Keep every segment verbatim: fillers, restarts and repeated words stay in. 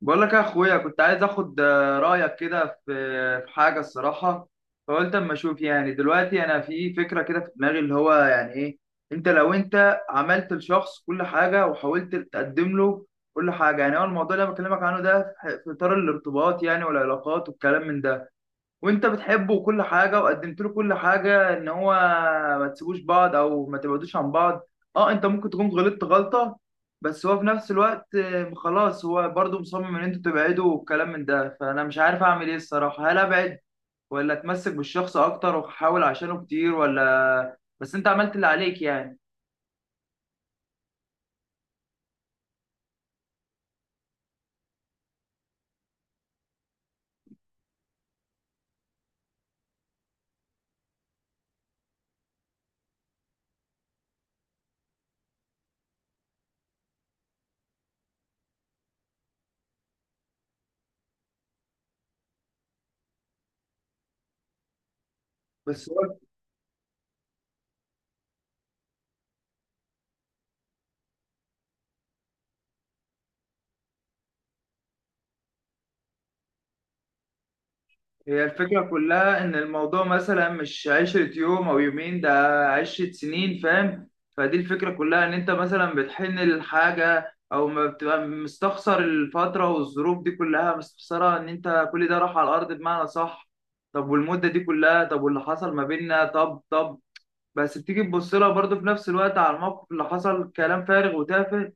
بقول لك يا اخويا، كنت عايز اخد آه، رايك كده في في حاجه الصراحه. فقلت اما اشوف، يعني دلوقتي انا في فكره كده في دماغي اللي هو يعني ايه. انت لو انت عملت لشخص كل حاجه وحاولت تقدم له كل حاجه، يعني هو الموضوع اللي انا بكلمك عنه ده في في اطار الارتباط يعني والعلاقات والكلام من ده، وانت بتحبه وكل حاجه وقدمت له كل حاجه، ان هو ما تسيبوش بعض او ما تبعدوش عن بعض. اه، انت ممكن تكون غلطت غلطه، بس هو في نفس الوقت آه، خلاص هو برضه مصمم ان انتوا تبعدوا والكلام من ده. فانا مش عارف اعمل ايه الصراحه، هل ابعد ولا اتمسك بالشخص اكتر واحاول عشانه كتير، ولا بس انت عملت اللي عليك يعني؟ بس هو هي الفكرة كلها إن الموضوع مثلا مش عشرة يوم أو يومين، ده عشرة سنين فاهم. فدي الفكرة كلها، إن أنت مثلا بتحن للحاجة أو ما بتبقى مستخسر الفترة والظروف دي كلها، مستخسرها إن أنت كل ده راح على الأرض بمعنى صح. طب والمدة دي كلها، طب واللي حصل ما بيننا، طب طب بس بتيجي تبص لها برضه في نفس الوقت على الموقف اللي حصل كلام فارغ وتافه.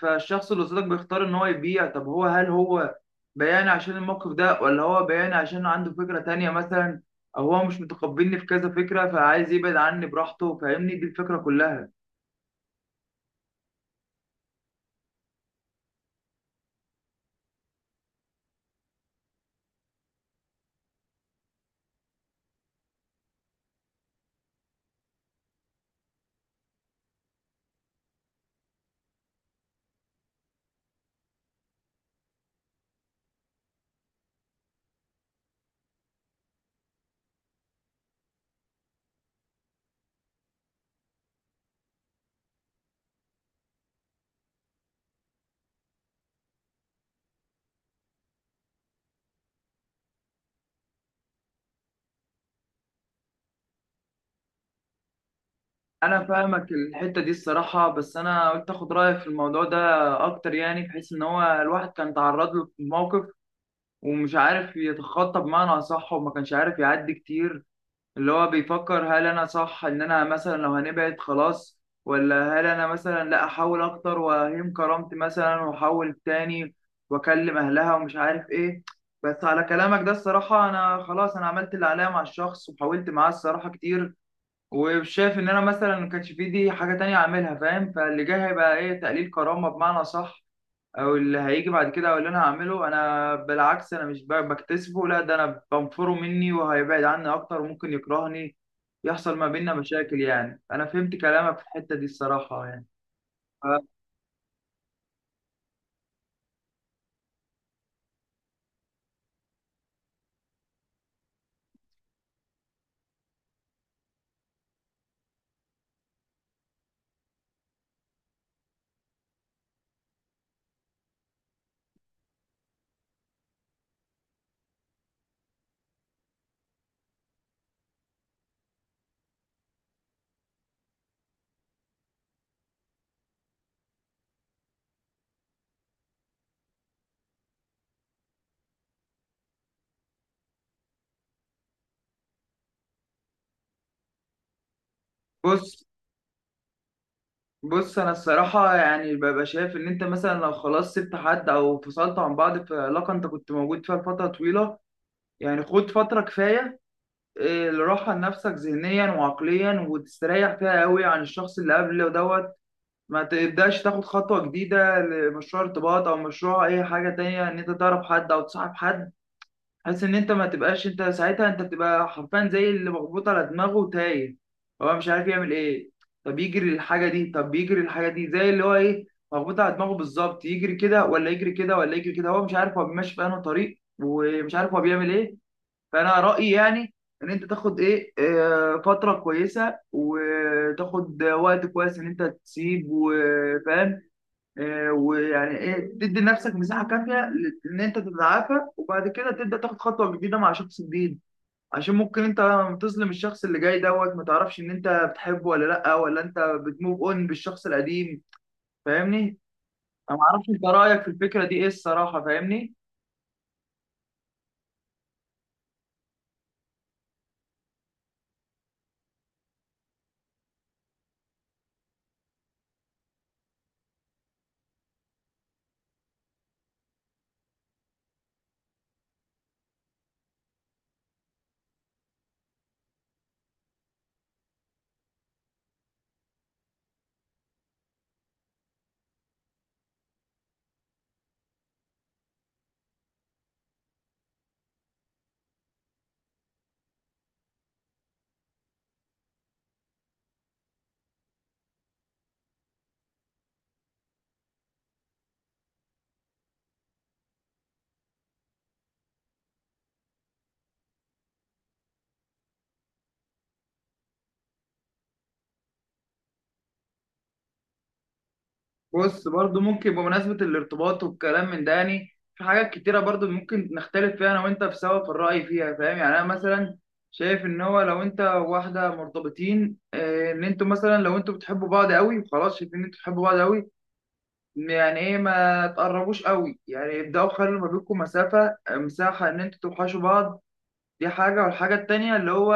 فالشخص اللي قصادك بيختار ان هو يبيع. طب هو هل هو بياني عشان الموقف ده، ولا هو بياني عشان عنده فكرة تانية مثلا، او هو مش متقبلني في كذا فكرة فعايز يبعد عني براحته. فاهمني، دي الفكرة كلها. انا فاهمك الحتة دي الصراحة، بس انا قلت اخد رأيك في الموضوع ده اكتر، يعني بحيث ان هو الواحد كان تعرض له في موقف ومش عارف يتخطى بمعنى اصح، وما كانش عارف يعدي كتير. اللي هو بيفكر هل انا صح ان انا مثلا لو هنبعد خلاص، ولا هل انا مثلا لا احاول اكتر واهين كرامتي مثلا واحاول تاني واكلم اهلها ومش عارف ايه. بس على كلامك ده الصراحة، انا خلاص انا عملت اللي عليا مع الشخص وحاولت معاه الصراحة كتير، وشايف ان انا مثلا ما كانش في دي حاجة تانية اعملها فاهم. فاللي جاي هيبقى ايه، تقليل كرامة بمعنى صح. او اللي هيجي بعد كده او اللي انا هعمله انا بالعكس، انا مش ب- بكتسبه، لا ده انا بنفره مني وهيبعد عني اكتر وممكن يكرهني، يحصل ما بيننا مشاكل يعني. انا فهمت كلامك في الحتة دي الصراحة يعني. بص، بص انا الصراحة يعني ببقى شايف ان انت مثلا لو خلاص سبت حد او فصلت عن بعض في علاقة انت كنت موجود فيها لفترة طويلة، يعني خد فترة كفاية إيه، لراحة لنفسك ذهنيا وعقليا، وتستريح فيها قوي عن الشخص اللي قبل دوت. ما تبداش تاخد خطوة جديدة لمشروع ارتباط او مشروع اي حاجة تانية، ان انت تعرف حد او تصاحب حد، بحيث ان انت ما تبقاش. انت ساعتها انت بتبقى حرفيا زي اللي مخبوط على دماغه وتايه، هو مش عارف يعمل ايه. طب يجري الحاجة دي طب يجري الحاجة دي زي اللي هو ايه، مخبوط على دماغه بالظبط، يجري كده ولا يجري كده ولا يجري كده، هو مش عارف هو ماشي في انهي طريق، ومش عارف هو بيعمل ايه. فانا رايي يعني ان انت تاخد ايه آه، فتره كويسه وتاخد وقت كويس ان انت تسيب وفاهم، آه، ويعني ايه تدي لنفسك مساحه كافيه ل- ان انت تتعافى، وبعد كده تبدا تاخد خطوه جديده مع شخص جديد. عشان ممكن انت لما تظلم الشخص اللي جاي دوت، ما تعرفش ان انت بتحبه ولا لا، ولا انت بتموف اون بالشخص القديم، فاهمني. انا ما اعرفش انت رايك في الفكره دي ايه الصراحه، فاهمني؟ بص، برضو ممكن بمناسبة الارتباط والكلام من ده، يعني في حاجات كتيرة برضو ممكن نختلف فيها أنا وأنت في سوا في الرأي فيها فاهم. يعني أنا مثلا شايف إن هو لو أنت وواحدة مرتبطين آه، إن أنتوا مثلا لو أنتوا بتحبوا بعض قوي وخلاص شايفين إن أنتوا بتحبوا بعض قوي، يعني إيه، ما تقربوش قوي، يعني ابدأوا خلوا ما بينكم مسافة آه، مساحة، إن أنتوا توحشوا بعض. دي حاجة. والحاجة التانية اللي هو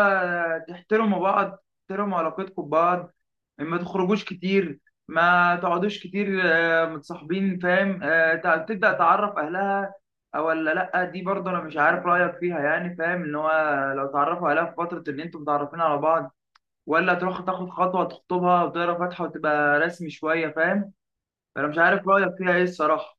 تحترموا بعض، تحترموا علاقتكم ببعض، ما تخرجوش كتير، ما تقعدوش كتير آه، متصاحبين فاهم. آه، تع- تبدأ تعرف أهلها أو ولا لأ، دي برضه أنا مش عارف رأيك فيها يعني. فاهم إن هو لو تعرفوا أهلها في فترة إن أنتوا متعرفين على بعض، ولا تروح تاخد خطوة تخطبها وتقرا فاتحة وتبقى رسمي شوية فاهم. فأنا مش عارف رأيك فيها إيه الصراحة.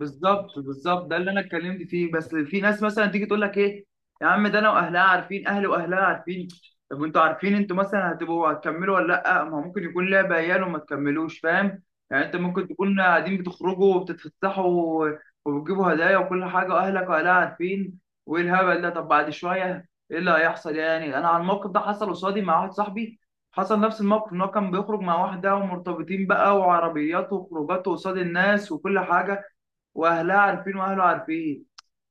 بالظبط، بالظبط ده اللي انا اتكلمت فيه. بس في ناس مثلا تيجي تقول لك ايه، يا عم ده انا واهلها عارفين، اهلي واهلها عارفين. طب انتوا عارفين انتوا مثلا هتبقوا هتكملوا ولا لا؟ ما هو ممكن يكون لعبه عيال وما تكملوش فاهم. يعني انت ممكن تكون قاعدين بتخرجوا وبتتفسحوا و- وبتجيبوا هدايا وكل حاجه، واهلك واهلها عارفين، وايه الهبل ده. طب بعد شويه ايه اللي هيحصل؟ يعني انا على الموقف ده، حصل قصادي مع واحد صاحبي حصل نفس الموقف ان هو كان بيخرج مع واحده ومرتبطين بقى، وعربيات وخروجات قصاد الناس وكل حاجه، واهلها عارفين واهله عارفين.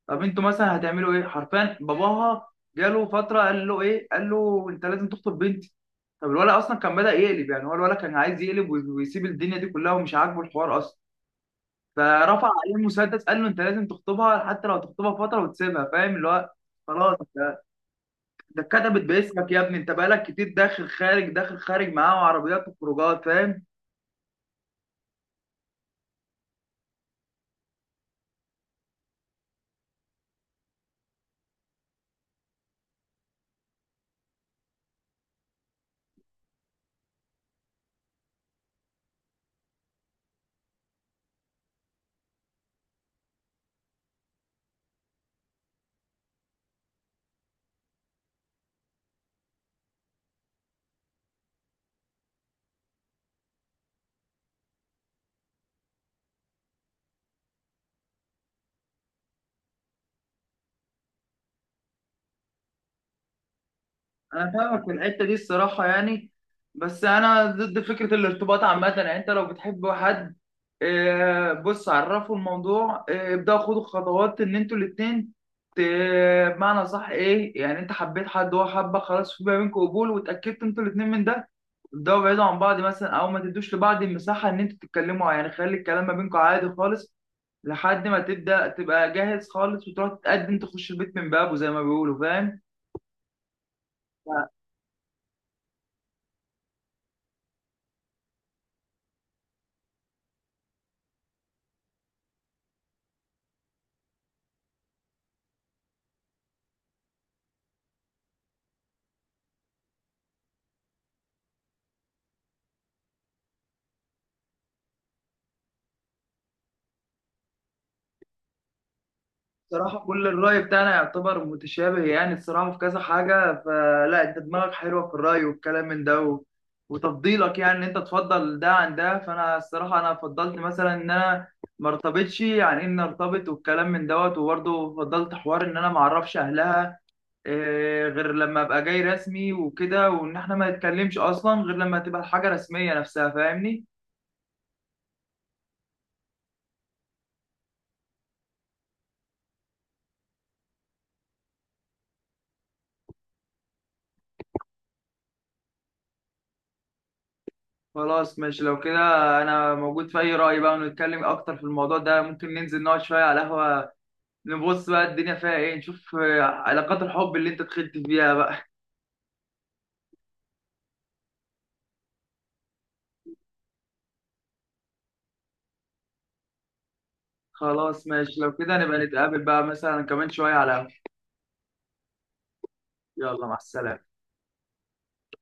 طب انتوا مثلا هتعملوا ايه حرفيا؟ باباها جاله فتره، قال له ايه، قال له انت لازم تخطب بنتي. طب الولد اصلا كان بدا يقلب، يعني هو الولد كان عايز يقلب وي- ويسيب الدنيا دي كلها ومش عاجبه الحوار اصلا. فرفع عليه المسدس قال له انت لازم تخطبها، حتى لو تخطبها فتره وتسيبها فاهم اللي هو. خلاص، ده ده اتكتبت باسمك يا ابني، انت بقالك كتير داخل خارج داخل خارج معاه، وعربيات وخروجات فاهم. انا فاهمك في الحته دي الصراحه يعني، بس انا ضد فكره الارتباط عامه. يعني انت لو بتحب حد آه، بص عرفه الموضوع، آه، ابداوا خدوا خطوات ان انتوا الاتنين ت- بمعنى صح ايه، يعني انت حبيت حد هو حبك خلاص، في ما بينكم قبول واتاكدت انتوا الاتنين من ده، ابداوا بعيدوا عن بعض مثلا، او ما تدوش لبعض المساحه ان انتوا تتكلموا، يعني خلي الكلام ما بينكم عادي خالص لحد ما تبدا تبقى جاهز خالص، وتروح تتقدم تخش البيت من بابه زي ما بيقولوا فاهم. صراحة كل الرأي بتاعنا يعتبر متشابه، يعني الصراحة في كذا حاجة. فلا أنت دماغك حلوة في الرأي والكلام من ده و... وتفضيلك، يعني إن أنت تفضل ده عن ده. فأنا الصراحة أنا فضلت مثلا إن أنا ما ارتبطش يعني، إن ارتبط والكلام من دوت. وبرضه فضلت حوار إن أنا ما أعرفش أهلها إيه، غير لما أبقى جاي رسمي وكده، وإن إحنا ما نتكلمش أصلا غير لما تبقى الحاجة رسمية نفسها. فاهمني؟ خلاص ماشي لو كده، انا موجود في اي رأي بقى. ونتكلم اكتر في الموضوع ده، ممكن ننزل نقعد شوية على قهوة، نبص بقى الدنيا فيها ايه، نشوف آه، علاقات الحب اللي انت دخلت فيها بقى. خلاص ماشي لو كده، نبقى نتقابل بقى مثلا كمان شوية على قهوة. يلا، مع السلامة.